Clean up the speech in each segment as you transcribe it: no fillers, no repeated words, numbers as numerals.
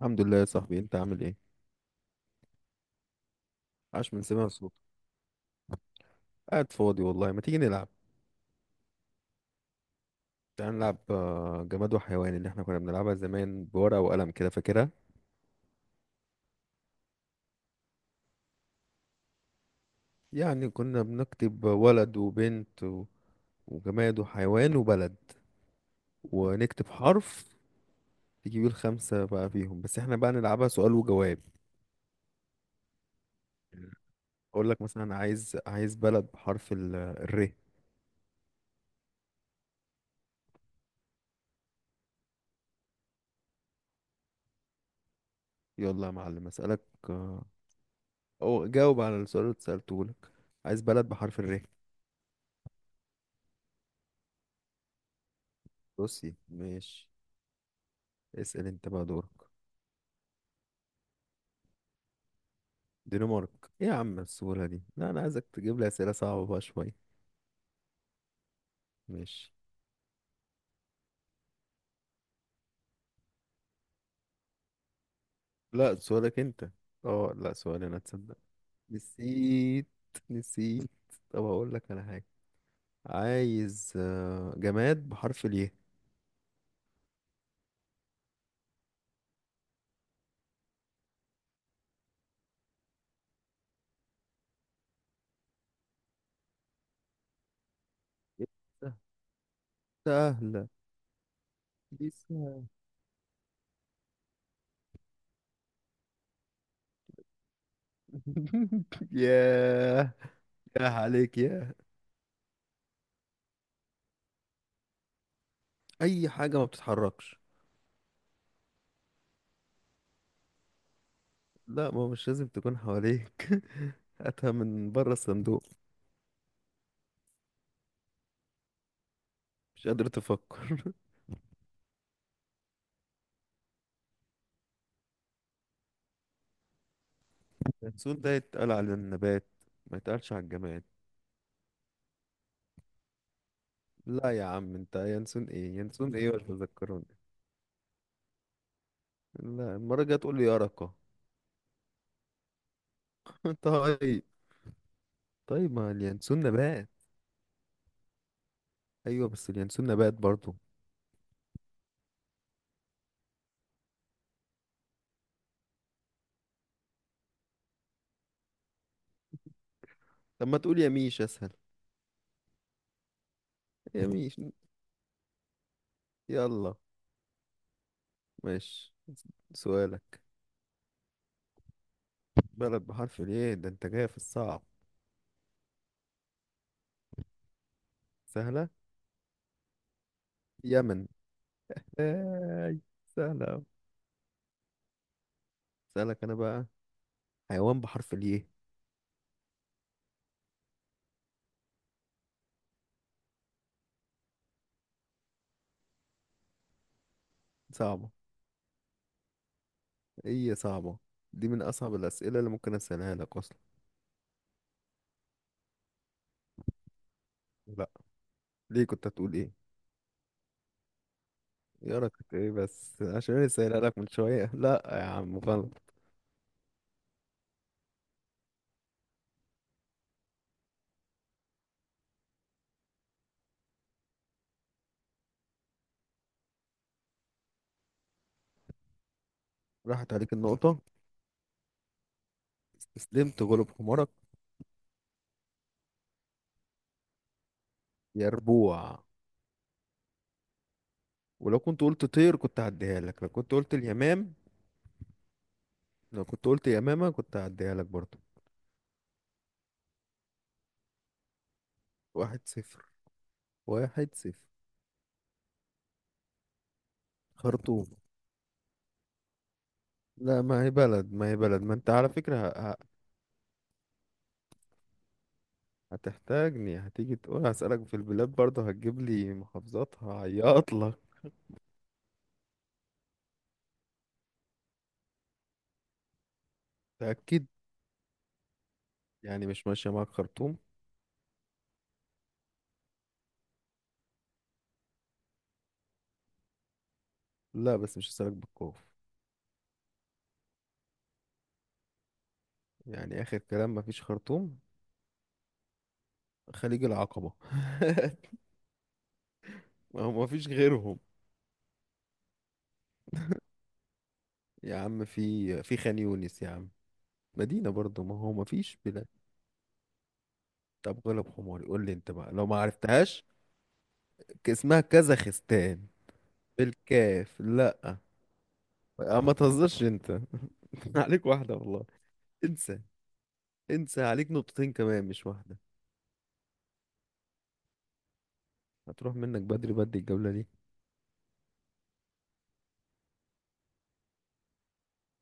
الحمد لله يا صاحبي، انت عامل ايه؟ عاش من سمع صوتك. قاعد فاضي والله، ما تيجي نلعب؟ تعال نلعب جماد وحيوان اللي احنا كنا بنلعبها زمان بورقة وقلم كده، فاكرها؟ يعني كنا بنكتب ولد وبنت وجماد وحيوان وبلد، ونكتب حرف. تجيب الخمسة بقى فيهم، بس احنا بقى نلعبها سؤال وجواب. اقول لك مثلا، عايز بلد بحرف الر. يلا يا معلم اسألك. آه، او جاوب على السؤال اللي سألته لك. عايز بلد بحرف الر. بصي، ماشي. اسأل انت بقى، دورك. دنمارك. ايه يا عم السهولة دي؟ لا انا عايزك تجيب لي اسئلة صعبة بقى شوية. ماشي. لا، سؤالك انت. اه لا، سؤال انا، تصدق. نسيت، نسيت. طب هقول لك على حاجة. عايز جماد بحرف الياء. إيه؟ سهلة. دي سهلة. ياه. ياه عليك ياه. أي حاجة ما بتتحركش. لا ما هو مش لازم تكون حواليك. هاتها من بره الصندوق. مش قادر تفكر. ينسون ده يتقال على النبات، ما يتقالش على الجماد. لا يا عم، انت ينسون ايه ينسون ايه ولا تذكرون. لا، المرة الجاية تقول لي يرقة. طيب. طيب ما اليانسون نبات. ايوه بس اليانسون نبات برضو. طب ما تقول يميش، اسهل. يميش. يلا. ماشي. سؤالك. بلد بحرف الايه ده؟ انت جاي في الصعب. سهلة. يمن. اي، سهلة أوي. سألك انا بقى. حيوان بحرف الايه. صعبة. ايه صعبة. دي من اصعب الاسئلة اللي ممكن اسألها لك اصلا. لا. ليه، كنت هتقول ايه؟ يا رك، كنت ايه بس عشان انا سايلها لك من شويه. لا يا عم غلط. راحت عليك النقطه. استسلمت، غلب حمارك. يا ربوع. ولو كنت قلت طير كنت هعديها لك، لو كنت قلت اليمام. لو كنت قلت يمامه كنت هعديها لك برضه. 1-0. 1-0. خرطوم. لا ما هي بلد، ما هي بلد، ما انت على فكره هتحتاجني. هتيجي تقول هسألك في البلاد برضه هتجيب لي محافظات، هعيط لك. تأكد. يعني مش ماشيه معاك خرطوم. لا بس مش هسألك بالكوف. يعني آخر كلام مفيش خرطوم؟ خليج العقبة. ما هو مفيش غيرهم. يا عم في خان يونس يا عم. مدينة برضو، ما هو مفيش بلاد. طب غلب حماري، قول لي انت بقى لو ما عرفتهاش. اسمها كازاخستان. بالكاف، لا. ما تهزرش انت. عليك واحدة والله. انسى. انسى، عليك نقطتين كمان مش واحدة. هتروح منك بدري بدري الجولة دي.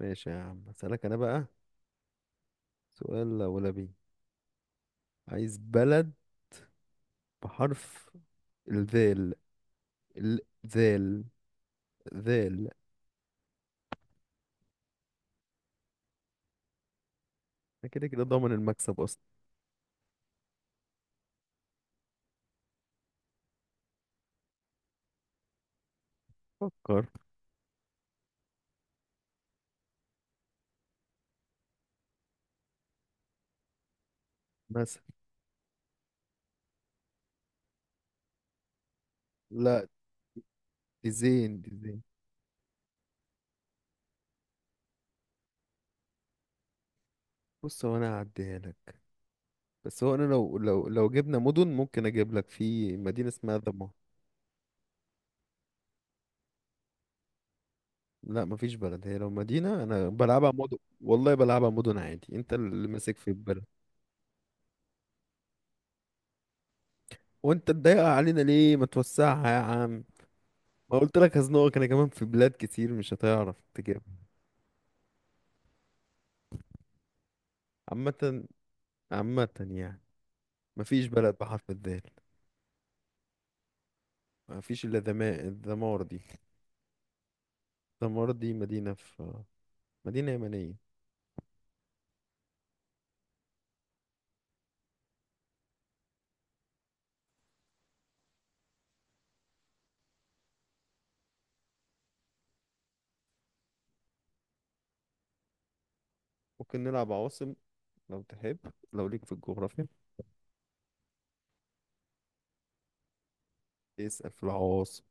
ماشي يا عم، اسألك انا بقى. سؤال لا ولا بيه. عايز بلد بحرف الذال. الذال. ذيل. أنا كده كده ضامن المكسب اصلا. فكر. مثلا. لا. ديزين ديزين. بص هو انا هعديها لك. بس هو انا لو جبنا مدن ممكن اجيب لك في مدينة اسمها ذمار. لا مفيش بلد. هي لو مدينة انا بلعبها مدن والله، بلعبها مدن عادي، انت اللي ماسك في البلد. وانت تضايقها علينا ليه؟ ما توسعها يا عم. ما قلت لك هزنقك انا كمان في بلاد كتير مش هتعرف تجيبها. عامة. عامة يعني. مفيش بلد بحرف الذال. مفيش الا الذمار دي. دمار دي مدينة في. مدينة يمنية. ممكن نلعب عواصم لو تحب، لو ليك في الجغرافيا. اسأل في العواصم.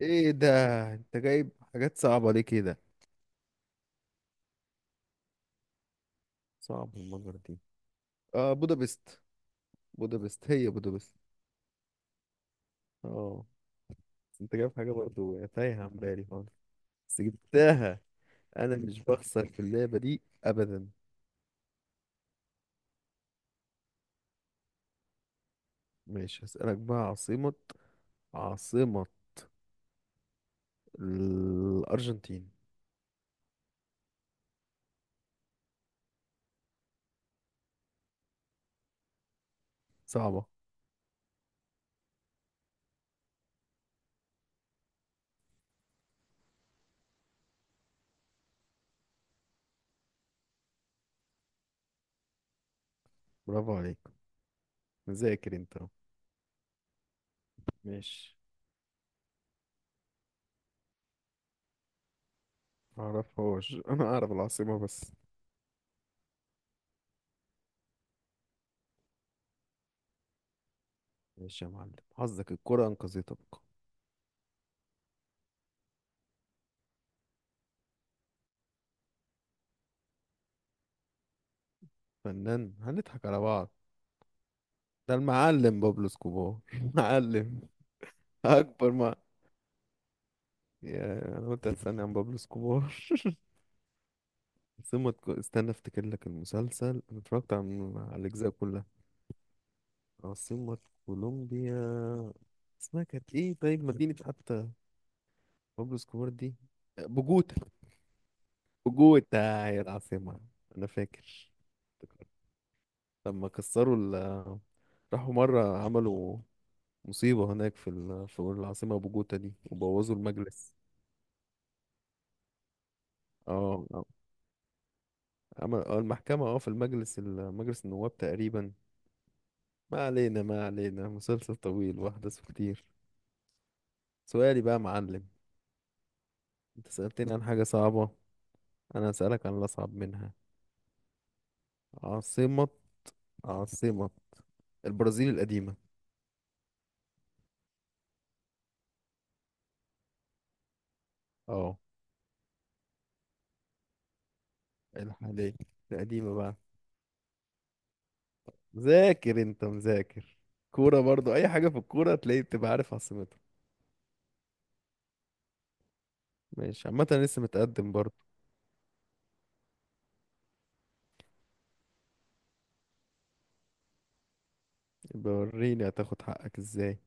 ايه ده، انت جايب حاجات صعبة ليه كده؟ صعب المجر دي. اه، بودابست. بودابست، هي بودابست. اه بس انت جايب حاجة برضو تايهة عن بالي خالص، بس جبتها. انا مش بخسر في اللعبة دي ابدا. ماشي، هسألك بقى. عاصمة. عاصمة الأرجنتين. صعبة. برافو عليك. مذاكر انت أهو. ماشي. معرفهاش، انا اعرف العاصمة بس. ماشي يا معلم، حظك الكرة انقذتك. فنان هنضحك على بعض. ده المعلم بابلو سكوبار. معلم. اكبر ما. يا انا قلت هتسألني عن بابلو سكوبار. عاصمة استنى افتكر لك المسلسل انا اتفرجت على الاجزاء كلها. عاصمة كولومبيا، اسمها كانت ايه؟ طيب مدينة حتى، بابلو سكوبار دي. بوجوتا. بوجوتا هي العاصمة، انا فاكر. لما كسروا راحوا مرة عملوا مصيبة هناك في في العاصمة بوجوتا دي، وبوظوا المجلس. اه اه. عمل المحكمة في المجلس مجلس النواب تقريبا. ما علينا، ما علينا، مسلسل طويل وأحداثه كتير. سؤالي بقى يا معلم. انت سألتني عن حاجة صعبة، أنا هسألك عن الأصعب منها. عاصمة. عاصمة البرازيل القديمة. اه الحالية. القديمة بقى. مذاكر انت، مذاكر. كورة برضو، أي حاجة في الكورة تلاقي بتبقى عارف عاصمتها. ماشي عامة، أنا لسه متقدم برضو. بوريني هتاخد حقك ازاي؟